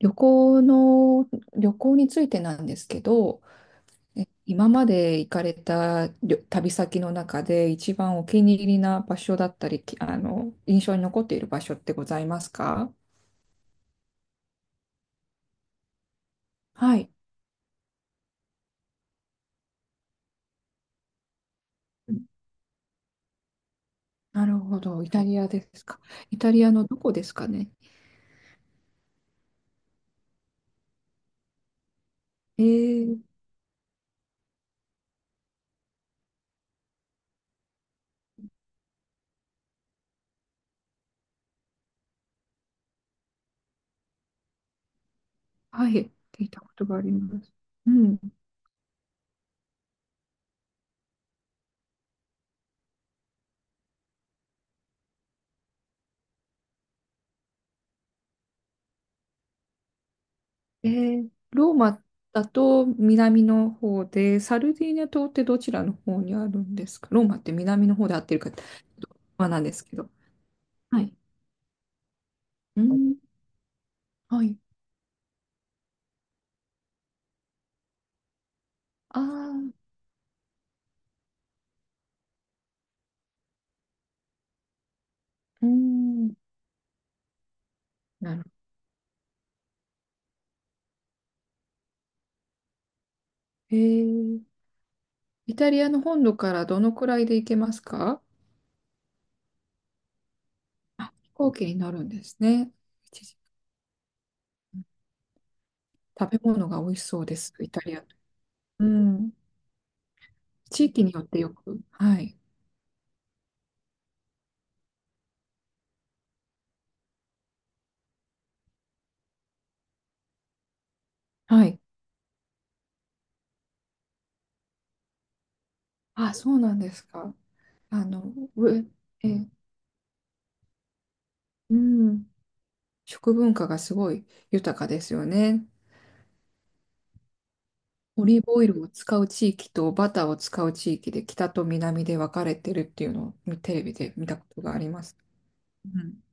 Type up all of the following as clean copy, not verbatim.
旅行の、旅行についてなんですけど、今まで行かれた旅先の中で一番お気に入りな場所だったり、きあの、印象に残っている場所ってございますか？はい。うん。なるほど。イタリアですか。イタリアのどこですかね？えー、はい。聞いたことがあります。うん。ローマだと南の方で、サルディーニャ島ってどちらの方にあるんですか？ローマって南の方で合ってるか？まあなんですけど。はい。うん。はい。ああ、うん。なるほど。イタリアの本土からどのくらいで行けますか？飛行機になるんですね。一時間。食べ物が美味しそうです、イタリア。うん。地域によってよく。はい。はい。あ、そうなんですか？あの、うえ、うん。食文化がすごい豊かですよね。オリーブオイルを使う地域とバターを使う地域で北と南で分かれてるっていうのをテレビで見たことがあります。うん。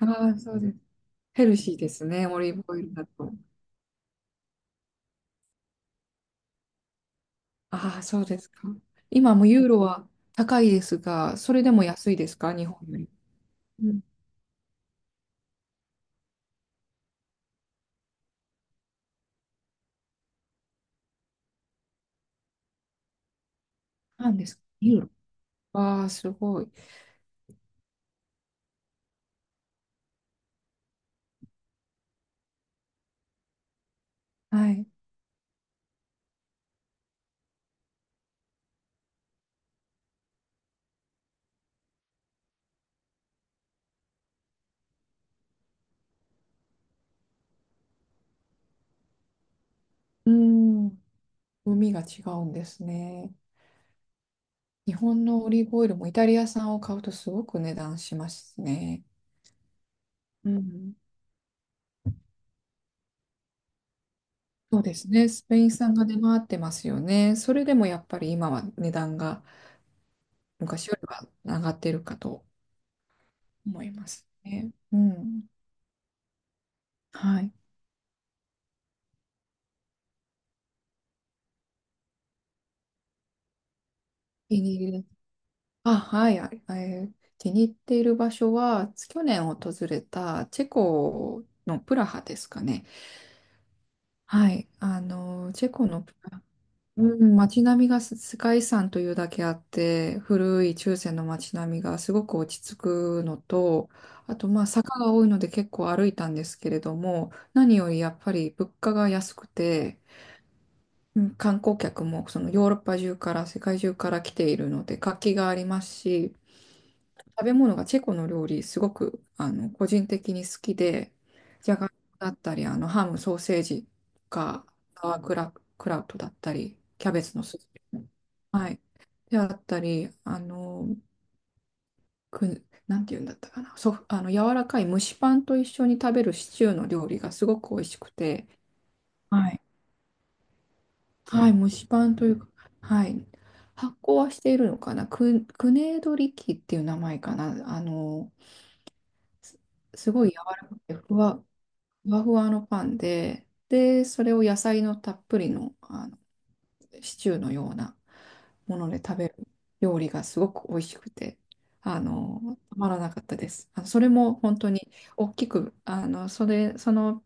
ああ、そうです。ヘルシーですね、オリーブオイルだと。ああ、そうですか。今もユーロは高いですが、それでも安いですか、日本より？うん。なんですか、ユーロ？わあ、すごい。はい。うーん、海が違うんですね。日本のオリーブオイルもイタリア産を買うとすごく値段しますね。うん。そうですね。スペイン産が出回ってますよね。それでもやっぱり今は値段が昔よりは上がってるかと思いますね。うん。はい。気に入りあ、はい。気に入っている場所は、去年訪れたチェコのプラハですかね。はい。あの、チェコのプラうん、街並みが世界遺産というだけあって、古い中世の街並みがすごく落ち着くのと、あとまあ坂が多いので結構歩いたんですけれども、何よりやっぱり物価が安くて、うん観光客もそのヨーロッパ中から世界中から来ているので活気がありますし、食べ物がチェコの料理、すごく個人的に好きで、じゃがいもだったり、ハム、ソーセージとか、サワークラ、クラウトだったり、キャベツのスープ。はい。であったり、なんていうんだったかな、そ、あの柔らかい蒸しパンと一緒に食べるシチューの料理がすごく美味しくて、はい、はい、蒸しパンというか、はい、発酵はしているのかな、クネードリキっていう名前かな、あの、す、すごい柔らかくてふわふわのパンで、で、それを野菜のたっぷりの、シチューのようなもので食べる料理がすごく美味しくて、たまらなかったです。それも本当に大きく、その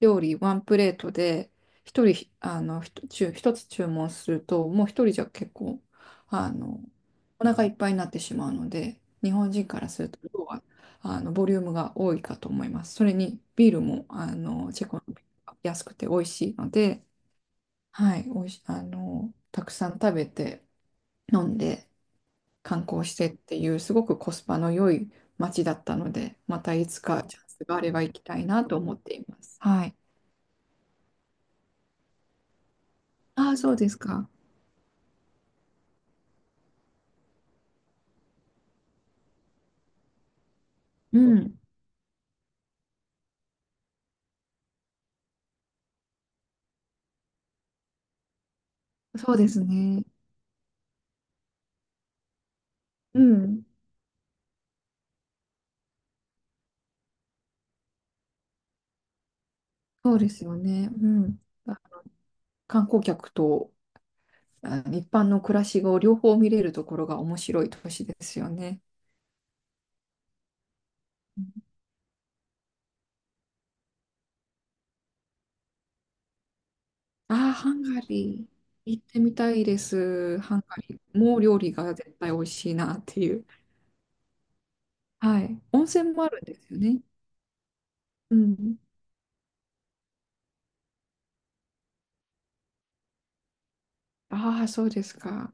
料理ワンプレートで、一人、ひと注一つ注文すると、もう一人じゃ結構、あの、お腹いっぱいになってしまうので、日本人からすると、量は、ボリュームが多いかと思います。それに、ビールも、チェコの安くて美味しいので、はい、おいし、あの、たくさん食べて、飲んで、観光してっていう、すごくコスパの良い街だったので、またいつかチャンスがあれば行きたいなと思っています。はい。ああ、そうですか。うん、そうですね。うん、そうですよね。うん。観光客と一般の暮らしを両方見れるところが面白い都市ですよね。ああ、ハンガリー、行ってみたいです。ハンガリーもう料理が絶対美味しいなっていう。はい。温泉もあるんですよね。うん。ああ、そうですか。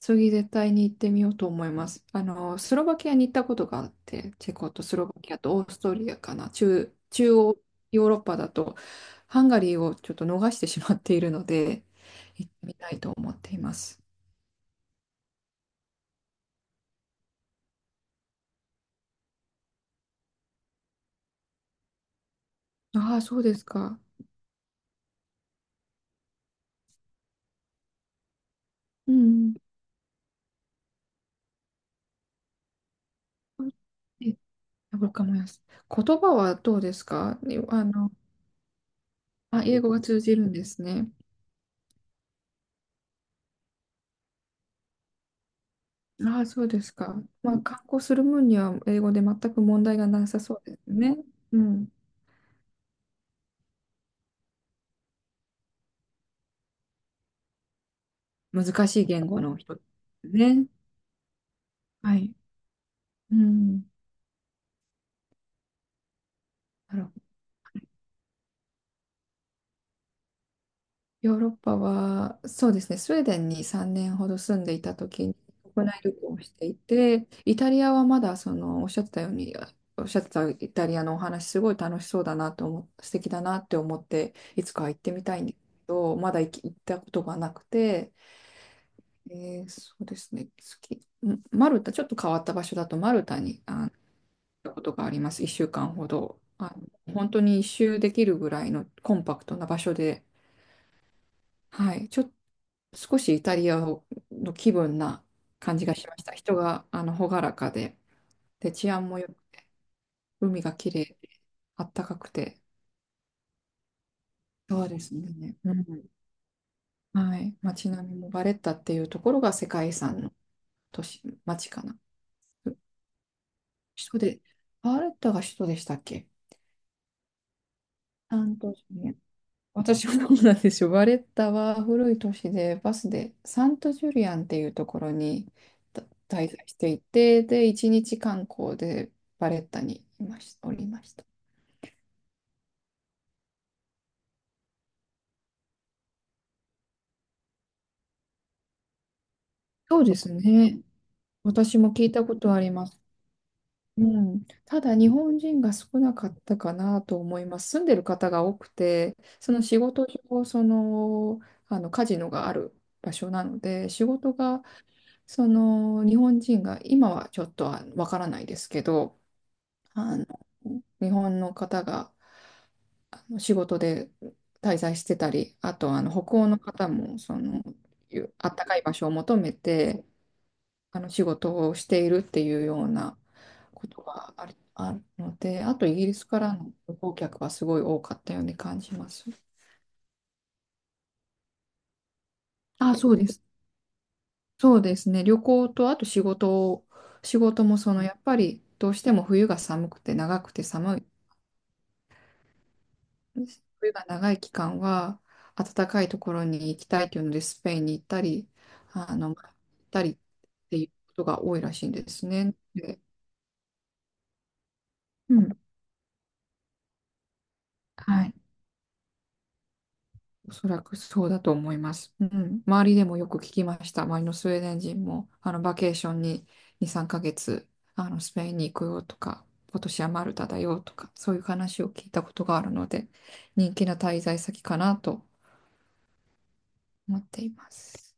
次絶対に行ってみようと思います。スロバキアに行ったことがあって、チェコとスロバキアとオーストリアかな。中央ヨーロッパだと、ハンガリーをちょっと逃してしまっているので、行ってみたいと思っています。ああ、そうですか。うん。えわかります。言葉はどうですかね？あ、英語が通じるんですね。ああ、そうですか。まあ、観光する分には英語で全く問題がなさそうですね。うん。難しい言語の人ですね。はい。うん。なるほど。ヨーロッパは、そうですね、スウェーデンに3年ほど住んでいた時に国内旅行をしていて、イタリアはまだそのおっしゃってたように、おっしゃってたイタリアのお話、すごい楽しそうだなと素敵だなって思って、いつか行ってみたいんですけど、まだ行ったことがなくて、そうですね。マルタ、ちょっと変わった場所だと、マルタに行ったことがあります。1週間ほど。本当に一周できるぐらいのコンパクトな場所で、はい、ちょっと少しイタリアをの気分な感じがしました。人が朗らかで、で、治安もよく、海が綺麗で、あったかくて、そうですね。うん、はい、街並みもバレッタっていうところが世界遺産の都市、街かな。首都で、バレッタが首都でしたっけ？三都市ね。私はどうなんでしょう。バレッタは古い都市で、バスでサントジュリアンっていうところにた滞在していて、で、一日観光でバレッタにいまし、おりました。そうですね。私も聞いたことあります。うん、ただ日本人が少なかったかなと思います。住んでる方が多くて、その仕事上、カジノがある場所なので、仕事がその日本人が今はちょっとはわからないですけどあの日本の方が仕事で滞在してたりあと北欧の方もそのあったかい場所を求めて仕事をしているっていうようなことがあるのであとイギリスからの旅行客はすごい多かったように感じます。あ、そうです。そうですね。旅行とあと仕事もそのやっぱりどうしても冬が寒くて長くて寒い冬が長い期間は暖かいところに行きたいというのでスペインに行ったり、行ったりっていうことが多いらしいんですね。で、うん、はい、おそらくそうだと思います。うん、周りでもよく聞きました。周りのスウェーデン人もバケーションに2、3ヶ月スペインに行くよとか、今年はマルタだよとか、そういう話を聞いたことがあるので、人気な滞在先かなと思っています。